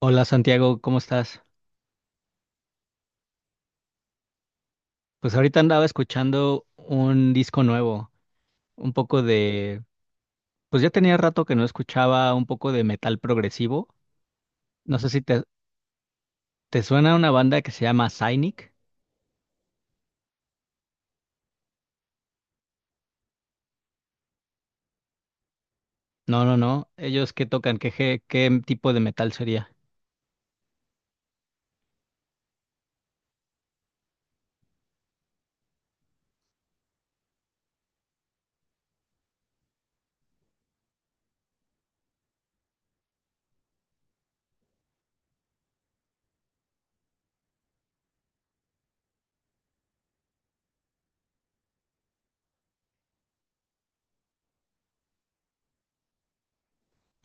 Hola Santiago, ¿cómo estás? Pues ahorita andaba escuchando un disco nuevo, un poco de, pues ya tenía rato que no escuchaba un poco de metal progresivo. No sé si te suena una banda que se llama Cynic. No, no, no. ¿Ellos qué tocan? ¿Qué tipo de metal sería?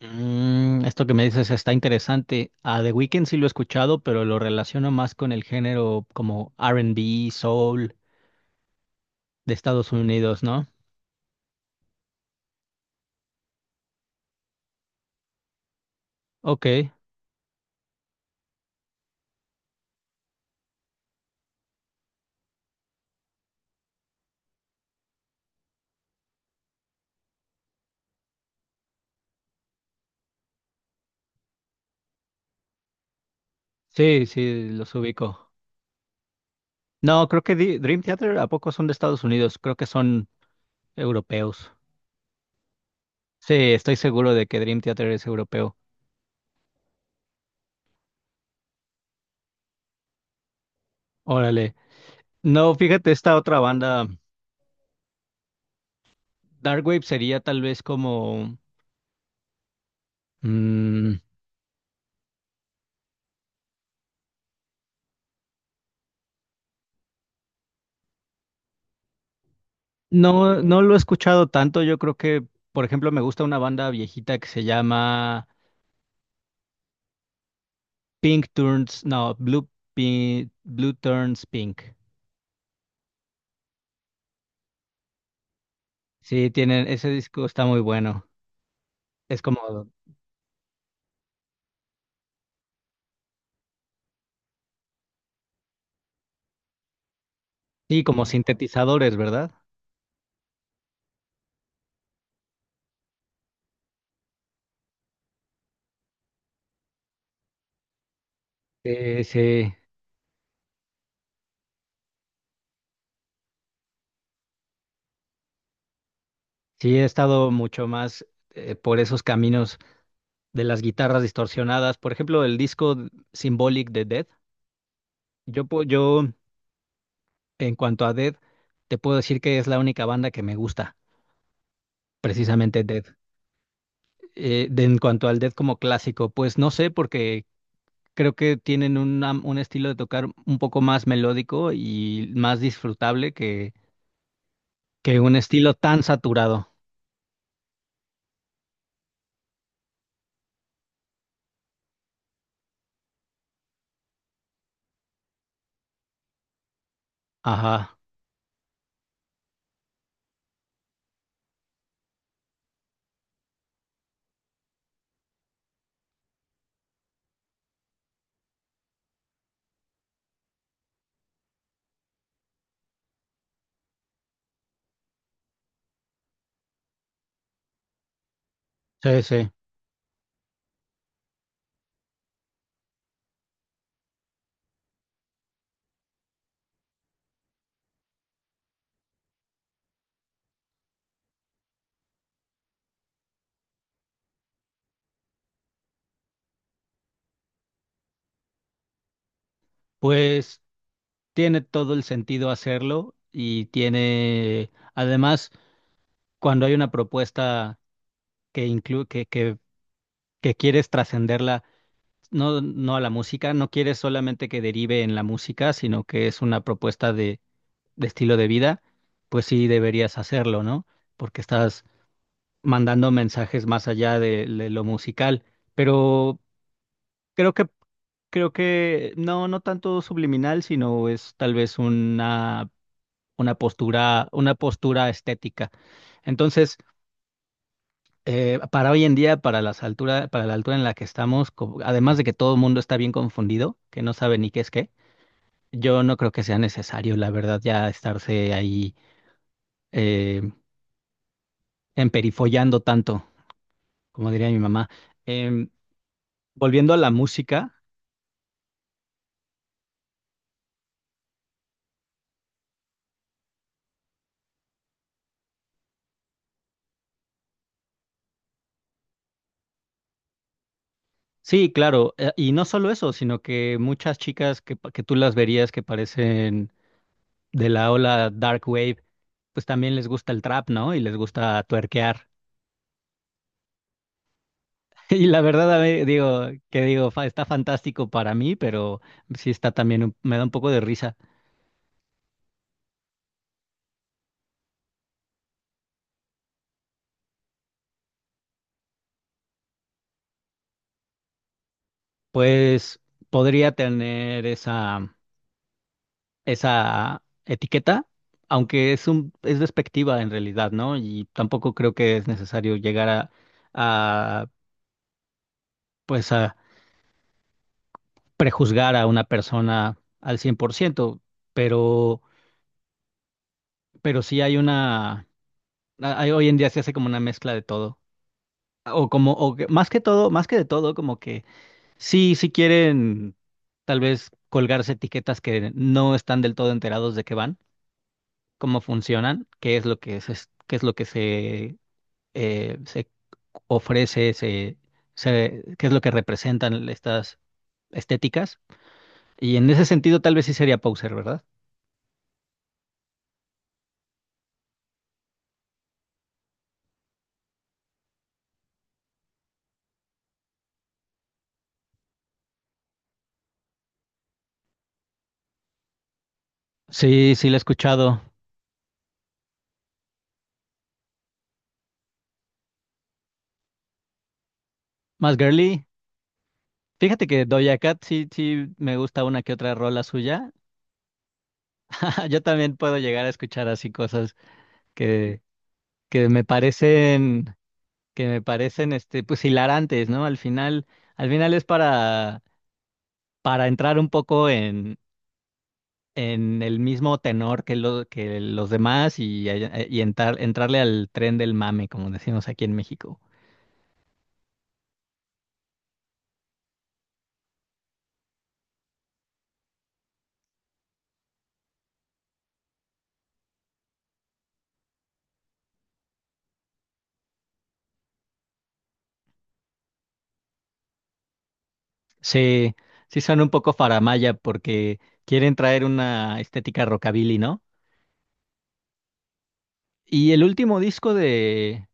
Mm, esto que me dices está interesante. A The Weeknd sí lo he escuchado, pero lo relaciono más con el género como R&B, soul de Estados Unidos, ¿no? Ok, sí, sí, los ubico. No, creo que Dream Theater a poco son de Estados Unidos, creo que son europeos. Sí, estoy seguro de que Dream Theater es europeo. Órale. No, fíjate, esta otra banda, Darkwave sería tal vez como, mm, no, no lo he escuchado tanto, yo creo que, por ejemplo, me gusta una banda viejita que se llama Pink Turns, no, Blue, Blue Turns Pink. Sí, tienen, ese disco está muy bueno. Es como, sí, como sintetizadores, ¿verdad? Sí, sí. Sí, he estado mucho más por esos caminos de las guitarras distorsionadas. Por ejemplo, el disco Symbolic de Dead. Yo, en cuanto a Dead, te puedo decir que es la única banda que me gusta, precisamente Dead. En cuanto al Dead como clásico, pues no sé, porque creo que tienen un estilo de tocar un poco más melódico y más disfrutable que un estilo tan saturado. Ajá, sí, sí. Pues. Tiene todo el sentido hacerlo y tiene, además, cuando hay una propuesta que inclu- que quieres trascenderla, no, no a la música, no quieres solamente que derive en la música, sino que es una propuesta de estilo de vida, pues sí deberías hacerlo, ¿no? Porque estás mandando mensajes más allá de lo musical. Pero creo que, creo que no, no tanto subliminal, sino es tal vez una postura, una postura estética. Entonces, para hoy en día, para la altura en la que estamos, además de que todo el mundo está bien confundido, que no sabe ni qué es qué, yo no creo que sea necesario, la verdad, ya estarse ahí eh, emperifollando tanto, como diría mi mamá. Em, volviendo a la música. Sí, claro, y no solo eso, sino que muchas chicas que tú las verías que parecen de la ola Dark Wave, pues también les gusta el trap, ¿no? Y les gusta tuerquear. Y la verdad, a mí, digo, está fantástico para mí, pero sí está también, me da un poco de risa. Pues podría tener esa etiqueta, aunque es despectiva en realidad, ¿no? Y tampoco creo que es necesario llegar a pues a prejuzgar a una persona al 100%, pero, pero sí hay una. Hoy en día se hace como una mezcla de todo. O como, o que- Más que todo, más que de todo, como que sí, sí quieren tal vez colgarse etiquetas que no están del todo enterados de qué van, cómo funcionan, qué es lo que se, se ofrece, qué es lo que representan estas estéticas. Y en ese sentido, tal vez sí sería Poser, ¿verdad? Sí, sí, la he escuchado. Más girly. Fíjate que Doja Cat sí, sí me gusta una que otra rola suya. Yo también puedo llegar a escuchar así cosas que, que me parecen, que me parecen pues hilarantes, ¿no? Al final es para entrar un poco en el mismo tenor que los demás y entrarle al tren del mame, como decimos aquí en México. Sí, sí son un poco faramalla porque quieren traer una estética rockabilly, ¿no? Y el último disco de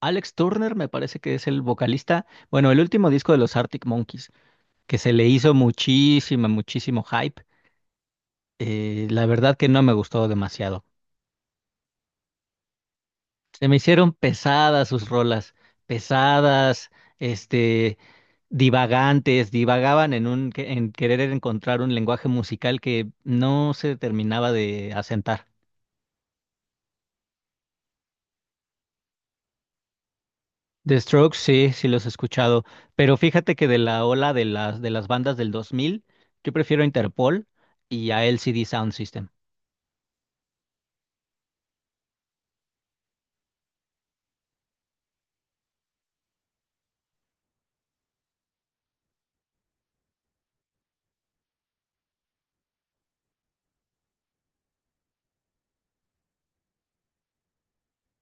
Alex Turner me parece que es el vocalista, bueno, el último disco de los Arctic Monkeys, que se le hizo muchísima, muchísimo hype. La verdad que no me gustó demasiado. Se me hicieron pesadas sus rolas, pesadas, este, divagantes, divagaban en querer encontrar un lenguaje musical que no se terminaba de asentar. The Strokes, sí, sí los he escuchado, pero fíjate que de la ola de las bandas del 2000, yo prefiero Interpol y a LCD Sound System.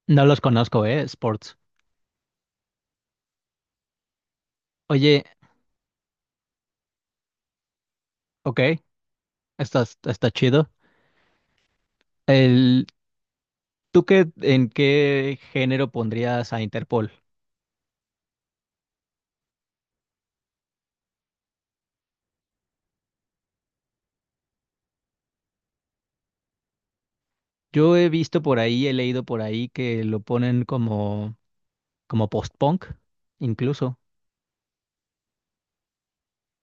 No los conozco, Sports. Oye, ok, está chido. El, ¿Tú qué, en qué género pondrías a Interpol? Yo he visto por ahí, he leído por ahí que lo ponen como post-punk, incluso.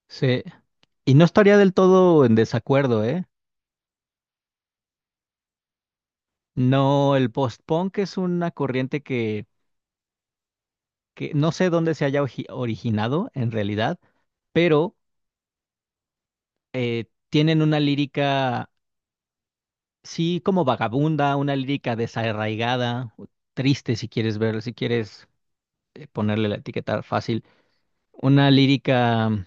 Sí. Y no estaría del todo en desacuerdo, ¿eh? No, el post-punk es una corriente que no sé dónde se haya originado en realidad, pero tienen una lírica, sí, como vagabunda, una lírica desarraigada, o triste si quieres ver, si quieres ponerle la etiqueta fácil, una lírica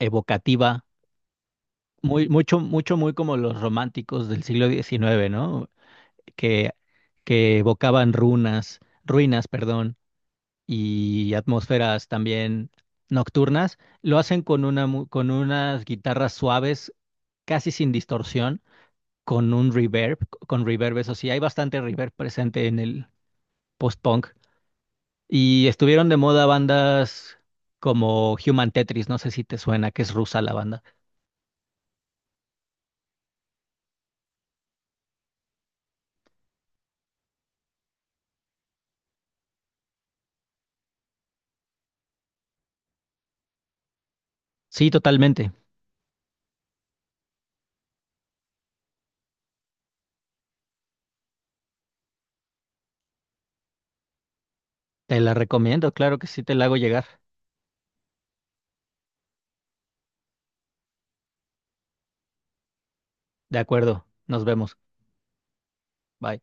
evocativa, muy, mucho, mucho, muy como los románticos del siglo XIX, ¿no? Que, que evocaban runas, ruinas, perdón, y atmósferas también nocturnas. Lo hacen con unas guitarras suaves, casi sin distorsión, con un reverb, con reverb, eso sí, hay bastante reverb presente en el post-punk. Y estuvieron de moda bandas como Human Tetris, no sé si te suena, que es rusa la banda. Sí, totalmente. Te la recomiendo, claro que sí, te la hago llegar. De acuerdo, nos vemos. Bye.